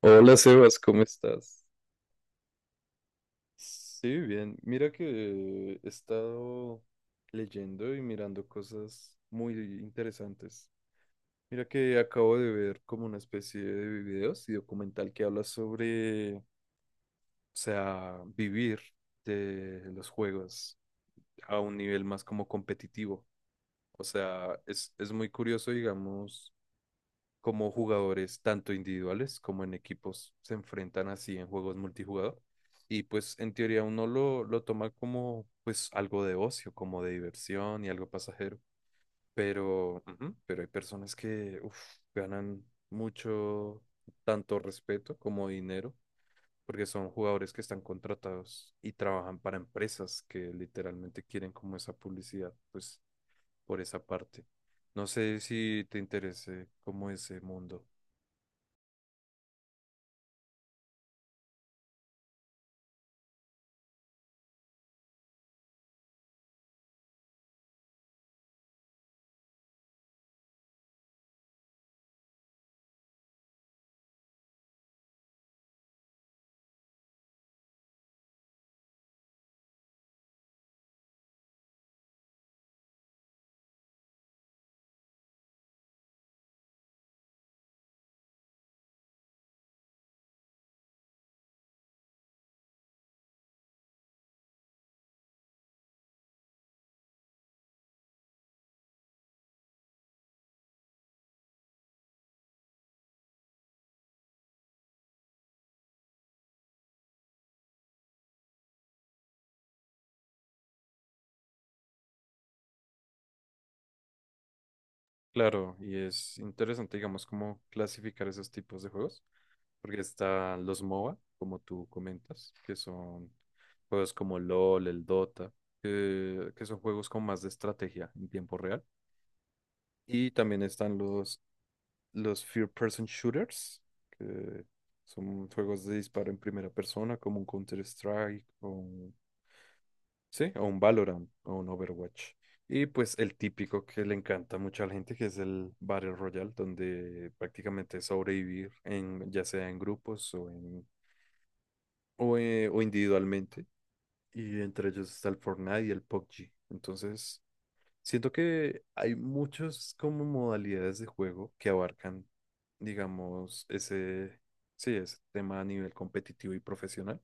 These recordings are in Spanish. Hola, Sebas, ¿cómo estás? Sí, bien. Mira que he estado leyendo y mirando cosas muy interesantes. Mira que acabo de ver como una especie de videos y documental que habla sobre, o sea, vivir de los juegos a un nivel más como competitivo. O sea, es muy curioso, digamos como jugadores, tanto individuales como en equipos, se enfrentan así en juegos multijugador. Y pues en teoría uno lo toma como pues algo de ocio, como de diversión y algo pasajero. Pero, ujú, pero hay personas que uf, ganan mucho, tanto respeto como dinero, porque son jugadores que están contratados y trabajan para empresas que literalmente quieren como esa publicidad, pues por esa parte. No sé si te interese como ese mundo. Claro, y es interesante, digamos, cómo clasificar esos tipos de juegos, porque están los MOBA, como tú comentas, que son juegos como LOL, el Dota, que son juegos con más de estrategia en tiempo real. Y también están los Third Person Shooters, que son juegos de disparo en primera persona, como un Counter-Strike. Sí, o un Valorant o un Overwatch. Y pues el típico que le encanta mucho a la gente, que es el Battle Royale, donde prácticamente es sobrevivir en, ya sea en grupos o en o individualmente. Y entre ellos está el Fortnite y el PUBG. Entonces, siento que hay muchas como modalidades de juego que abarcan, digamos, ese, sí, ese tema a nivel competitivo y profesional.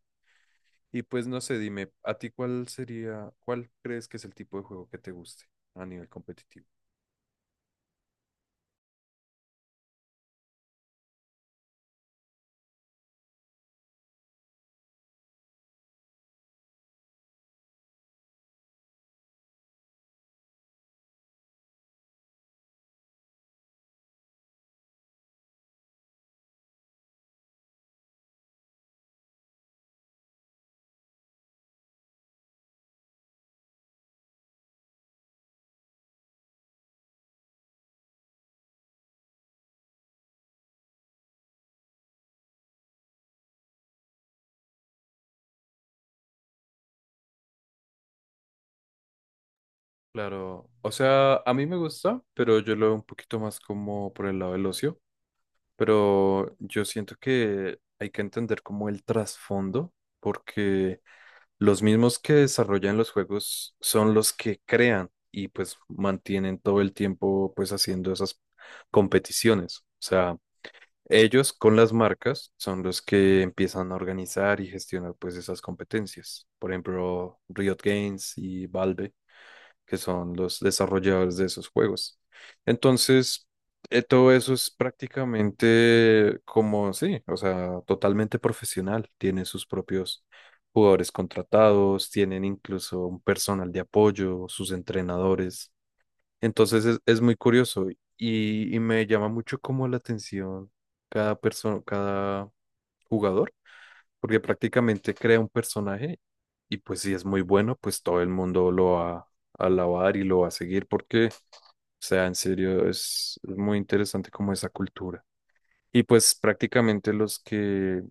Y pues no sé, dime, ¿a ti cuál sería, cuál crees que es el tipo de juego que te guste a nivel competitivo? Claro, o sea, a mí me gusta, pero yo lo veo un poquito más como por el lado del ocio, pero yo siento que hay que entender como el trasfondo, porque los mismos que desarrollan los juegos son los que crean y pues mantienen todo el tiempo pues haciendo esas competiciones. O sea, ellos con las marcas son los que empiezan a organizar y gestionar pues esas competencias. Por ejemplo, Riot Games y Valve, que son los desarrolladores de esos juegos. Entonces, todo eso es prácticamente como, sí, o sea, totalmente profesional. Tienen sus propios jugadores contratados, tienen incluso un personal de apoyo, sus entrenadores. Entonces es muy curioso y me llama mucho como la atención cada persona, cada jugador, porque prácticamente crea un personaje y pues si es muy bueno, pues todo el mundo lo va a alabar y lo va a seguir porque, o sea, en serio, es muy interesante como esa cultura. Y pues prácticamente los que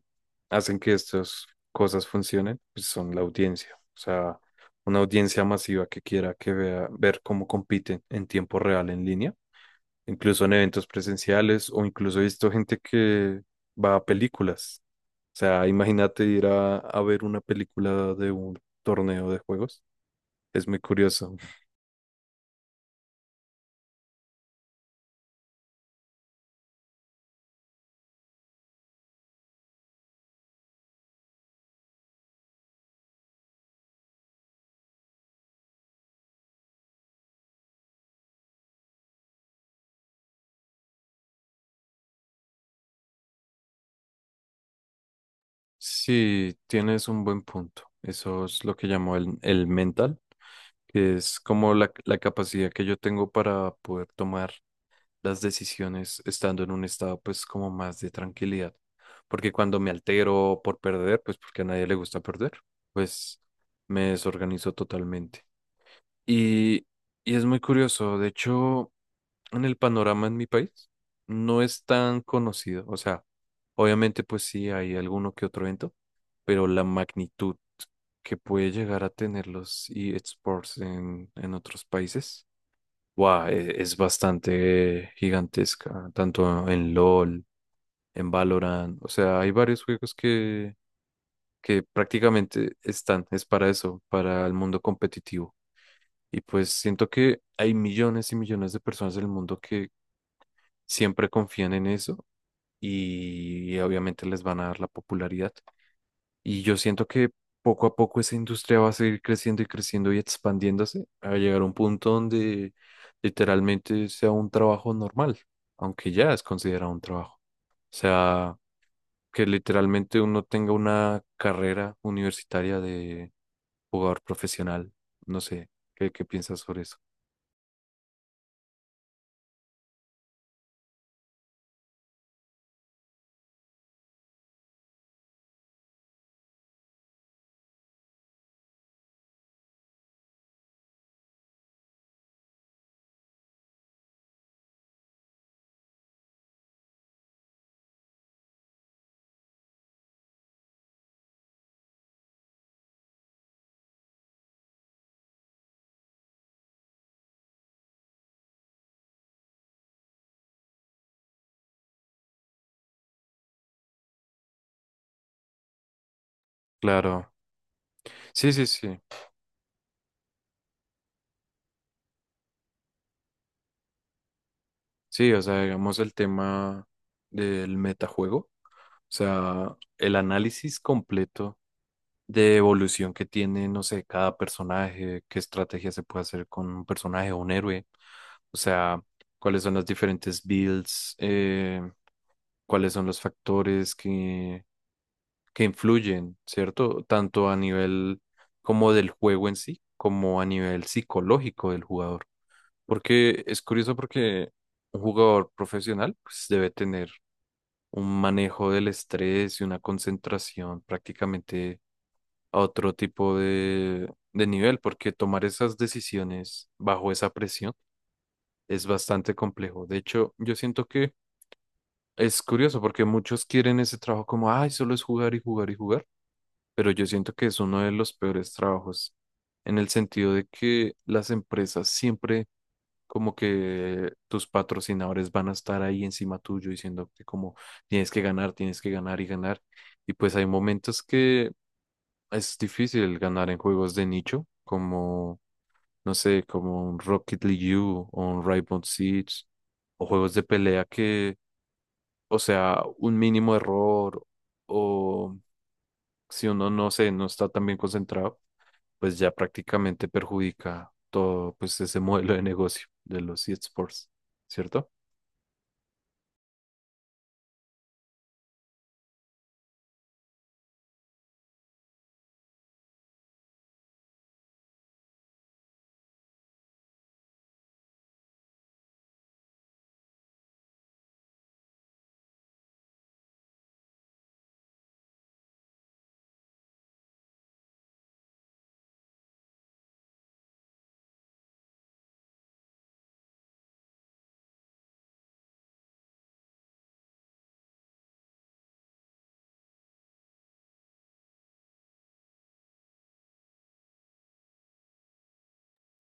hacen que estas cosas funcionen, pues son la audiencia. O sea, una audiencia masiva que quiera que vea, ver cómo compiten en tiempo real en línea, incluso en eventos presenciales o incluso he visto gente que va a películas. O sea, imagínate ir a ver una película de un torneo de juegos. Es muy curioso. Sí, tienes un buen punto. Eso es lo que llamo el mental, que es como la capacidad que yo tengo para poder tomar las decisiones estando en un estado pues como más de tranquilidad. Porque cuando me altero por perder, pues porque a nadie le gusta perder, pues me desorganizo totalmente. Y, y es muy curioso, de hecho en el panorama en mi país no es tan conocido. O sea, obviamente pues sí hay alguno que otro evento, pero la magnitud que puede llegar a tener los eSports en otros países, wow, es bastante gigantesca, tanto en LOL, en Valorant. O sea, hay varios juegos que prácticamente están, es para eso, para el mundo competitivo. Y pues siento que hay millones y millones de personas en el mundo que siempre confían en eso y, obviamente les van a dar la popularidad. Y yo siento que poco a poco esa industria va a seguir creciendo y creciendo y expandiéndose a llegar a un punto donde literalmente sea un trabajo normal, aunque ya es considerado un trabajo. O sea, que literalmente uno tenga una carrera universitaria de jugador profesional. No sé, ¿qué piensas sobre eso? Claro. Sí, sí, sí. Sí, o sea, digamos el tema del metajuego, o sea, el análisis completo de evolución que tiene, no sé, cada personaje, qué estrategia se puede hacer con un personaje o un héroe, o sea, cuáles son las diferentes builds, cuáles son los factores que influyen, ¿cierto? Tanto a nivel como del juego en sí, como a nivel psicológico del jugador. Porque es curioso porque un jugador profesional pues, debe tener un manejo del estrés y una concentración prácticamente a otro tipo de nivel, porque tomar esas decisiones bajo esa presión es bastante complejo. De hecho, yo siento que es curioso porque muchos quieren ese trabajo como, ay, solo es jugar y jugar y jugar, pero yo siento que es uno de los peores trabajos en el sentido de que las empresas siempre como que tus patrocinadores van a estar ahí encima tuyo diciéndote como tienes que ganar y ganar. Y pues hay momentos que es difícil ganar en juegos de nicho, como, no sé, como un Rocket League U o un Rainbow Six o juegos de pelea que, o sea, un mínimo error o si uno no sé, no está tan bien concentrado, pues ya prácticamente perjudica todo pues ese modelo de negocio de los eSports, ¿cierto?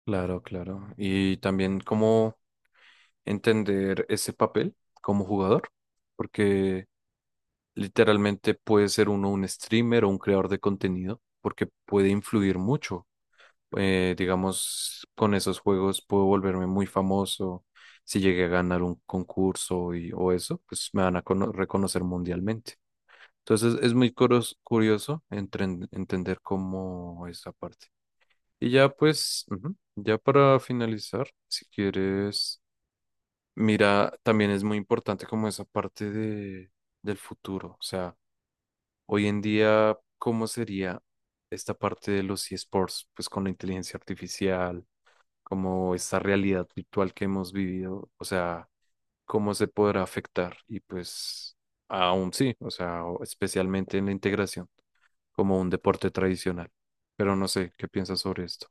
Claro, claro. Y también cómo entender ese papel como jugador, porque literalmente puede ser uno un streamer o un creador de contenido, porque puede influir mucho. Digamos, con esos juegos puedo volverme muy famoso. Si llegué a ganar un concurso y, o eso, pues me van a cono- reconocer mundialmente. Entonces es muy curos- curioso entren- entender cómo esa parte. Y ya pues, ujú, ya para finalizar, si quieres, mira, también es muy importante como esa parte de, del futuro. O sea, hoy en día, ¿cómo sería esta parte de los eSports? Pues con la inteligencia artificial, como esta realidad virtual que hemos vivido, o sea, ¿cómo se podrá afectar? Y pues, aún sí, o sea, o- especialmente en la integración, como un deporte tradicional. Pero no sé, ¿qué piensas sobre esto?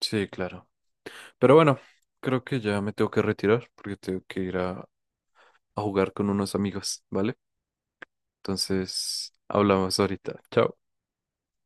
Sí, claro. Pero bueno, creo que ya me tengo que retirar porque tengo que ir a jugar con unos amigos, ¿vale? Entonces, hablamos ahorita. Chao.